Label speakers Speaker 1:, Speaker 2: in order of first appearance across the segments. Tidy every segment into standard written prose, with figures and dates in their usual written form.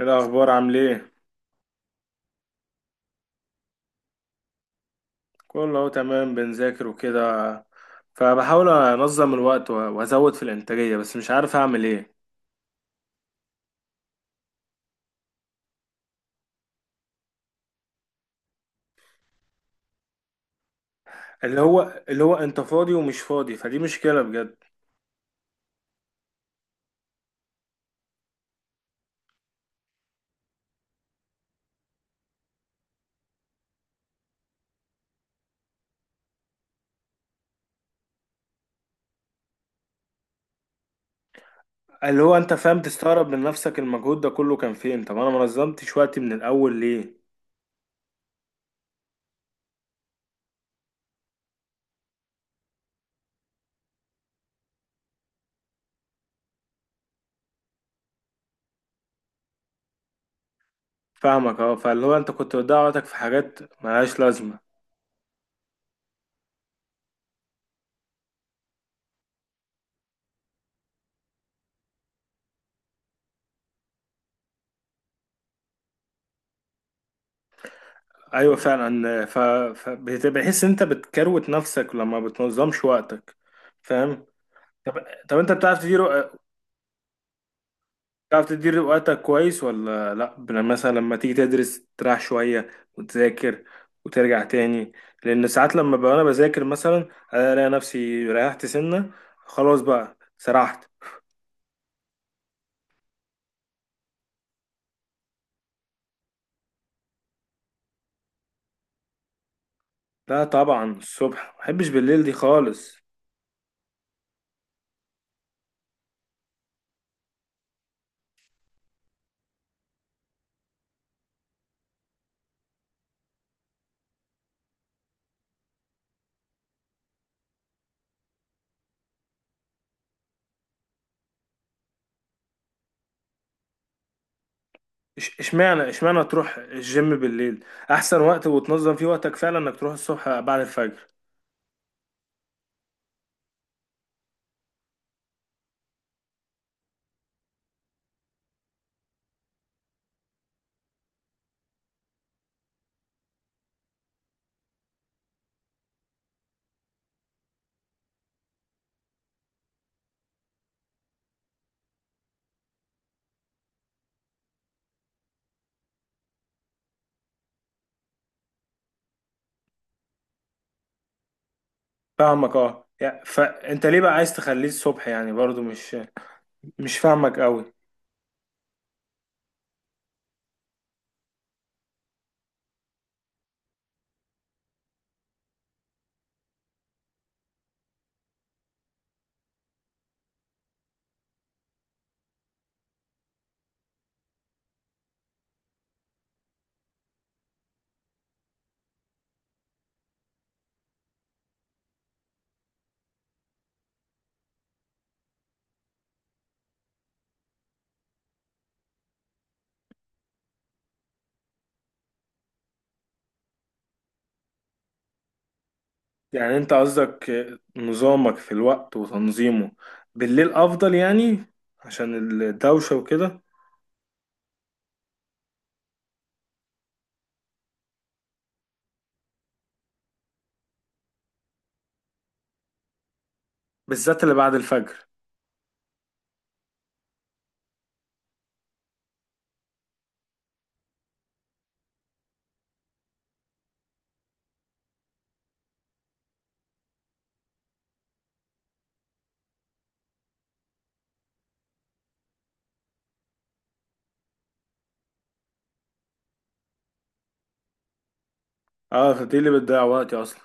Speaker 1: إيه الأخبار؟ عامل إيه؟ كله أهو تمام، بنذاكر وكده. فبحاول أنظم الوقت و- وأزود في الإنتاجية، بس مش عارف أعمل إيه. اللي هو أنت فاضي ومش فاضي، فدي مشكلة بجد. اللي هو أنت فاهم، تستغرب من نفسك المجهود ده كله كان فين؟ طب أنا منظمتش وقتي من الأول ليه؟ فاهمك أه. فاللي هو أنت كنت بتضيع وقتك في حاجات ملهاش لازمة. أيوة فعلا. فبتحس أنت بتكروت نفسك لما بتنظمش وقتك، فاهم؟ طب انت بتعرف تدير، تعرف تدير وقتك كويس ولا لا؟ مثلا لما تيجي تدرس تريح شوية وتذاكر وترجع تاني، لأن ساعات لما بقى أنا بذاكر مثلا ألاقي نفسي ريحت سنة، خلاص بقى سرحت. لا طبعا الصبح، محبش بالليل دي خالص. اشمعنى تروح الجيم بالليل؟ أحسن وقت وتنظم فيه وقتك فعلا إنك تروح الصبح بعد الفجر. فاهمك اه، فأنت ليه بقى عايز تخليه الصبح يعني؟ برضو مش مش فاهمك أوي. يعني انت قصدك نظامك في الوقت وتنظيمه بالليل افضل، يعني عشان الدوشة وكده؟ بالذات اللي بعد الفجر. اه، دي اللي بتضيع وقتي اصلا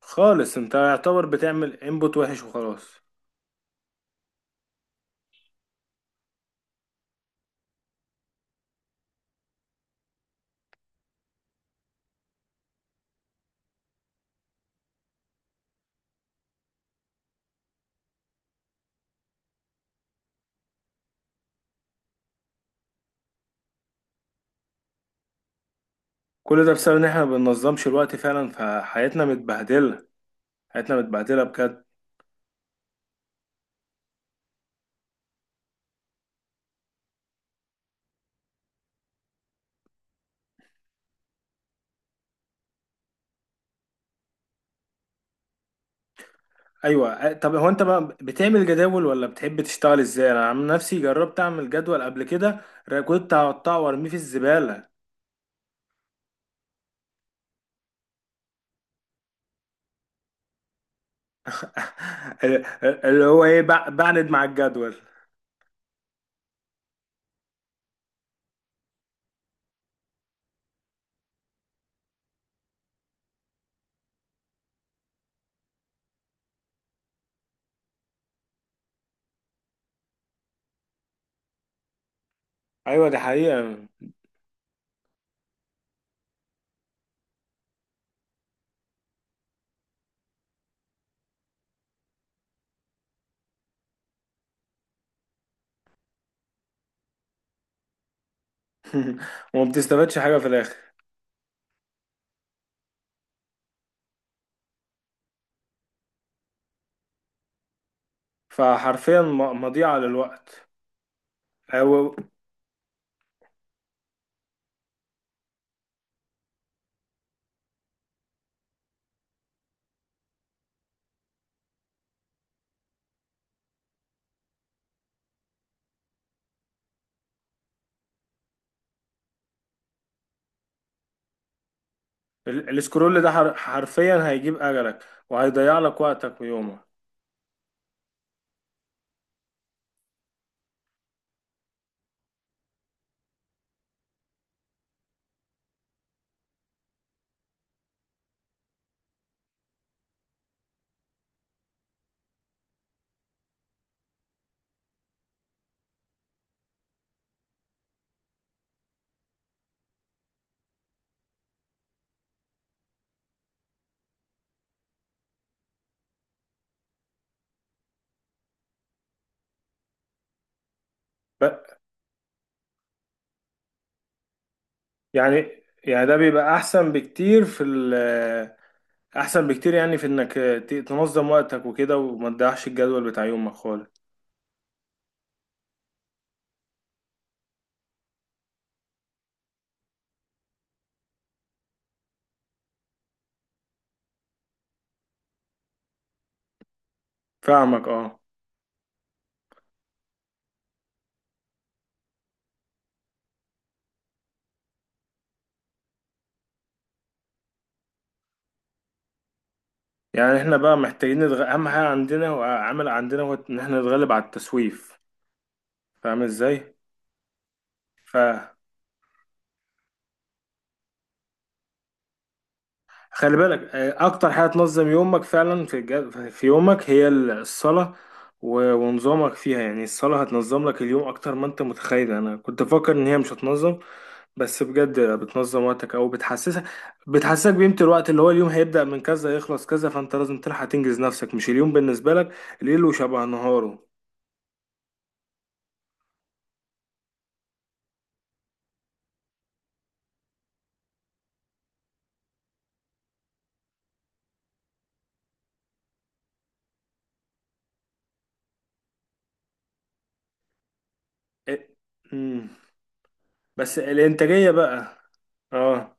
Speaker 1: خالص. انت يعتبر بتعمل انبوت وحش وخلاص. كل ده بسبب ان احنا ما بننظمش الوقت فعلا، فحياتنا متبهدلة. حياتنا متبهدلة بجد. ايوه. اه، طب هو انت بقى بتعمل جداول ولا بتحب تشتغل ازاي؟ انا عن نفسي جربت اعمل جدول قبل كده، كنت هقطعه وارميه في الزبالة. اللي هو ايه، بعند مع الجدول. ايوه دي حقيقة وما بتستفادش حاجة في الاخر، فحرفيا مضيعة للوقت. هو السكرول ده حرفيا هيجيب اجلك، وهيضيع لك وقتك ويومك. ب- يعني ده بيبقى احسن بكتير في ال احسن بكتير يعني في انك تنظم وقتك وكده وما تضيعش الجدول بتاع يومك خالص. فاهمك اه. يعني احنا بقى محتاجين اهم حاجة عندنا وعامل عندنا هو ان احنا نتغلب على التسويف، فاهم ازاي؟ فخلي بالك، اكتر حاجه تنظم يومك فعلا في يومك هي الصلاه. و- ونظامك فيها، يعني الصلاه هتنظم لك اليوم اكتر ما انت متخيل. انا كنت فاكر ان هي مش هتنظم، بس بجد بتنظم وقتك او بتحسسك بقيمه الوقت. اللي هو اليوم هيبدا من كذا يخلص كذا، فانت لازم تلحق تنجز نفسك. مش اليوم بالنسبه لك ليله شبه نهاره. إيه، مم. بس الانتاجيه بقى، اه.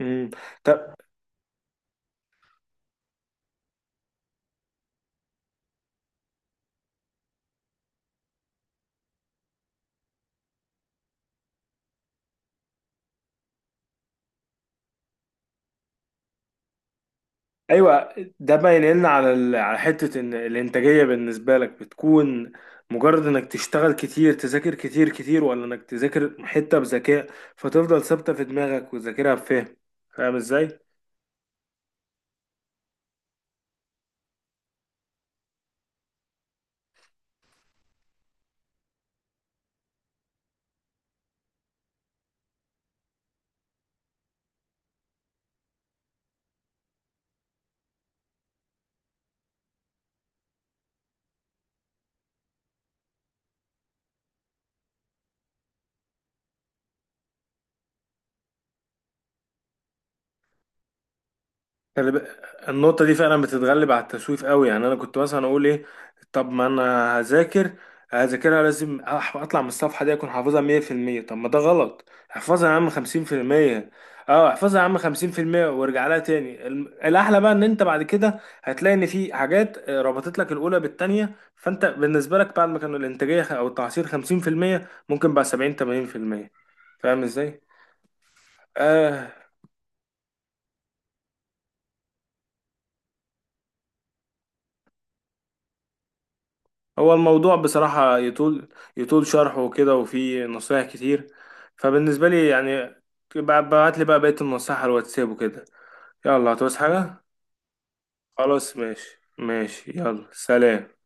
Speaker 1: مم. طب ايوه ده باين لنا على على حته ان الانتاجيه بالنسبه لك بتكون مجرد انك تشتغل كتير، تذاكر كتير كتير، ولا انك تذاكر حته بذكاء فتفضل ثابته في دماغك وتذاكرها بفهم. فاهم ازاي؟ خلي النقطة دي فعلا بتتغلب على التسويف قوي. يعني أنا كنت مثلا أقول إيه؟ طب ما أنا هذاكر، هذاكرها لازم أطلع من الصفحة دي أكون حافظها 100%. طب ما ده غلط. احفظها يا عم 50%. أه احفظها يا عم 50% وارجع لها تاني. الأحلى بقى إن أنت بعد كده هتلاقي إن في حاجات ربطت لك الأولى بالتانية. فأنت بالنسبة لك بعد ما كانوا الإنتاجية أو التعصير خمسين في المية، ممكن بقى 70-80%. فاهم إزاي؟ آه. هو الموضوع بصراحة يطول. يطول شرحه وكده وفيه نصايح كتير. فبالنسبة لي يعني بعت لي بقى بقية النصائح على الواتساب وكده. يلا، هتعوز حاجة؟ خلاص ماشي ماشي، يلا سلام.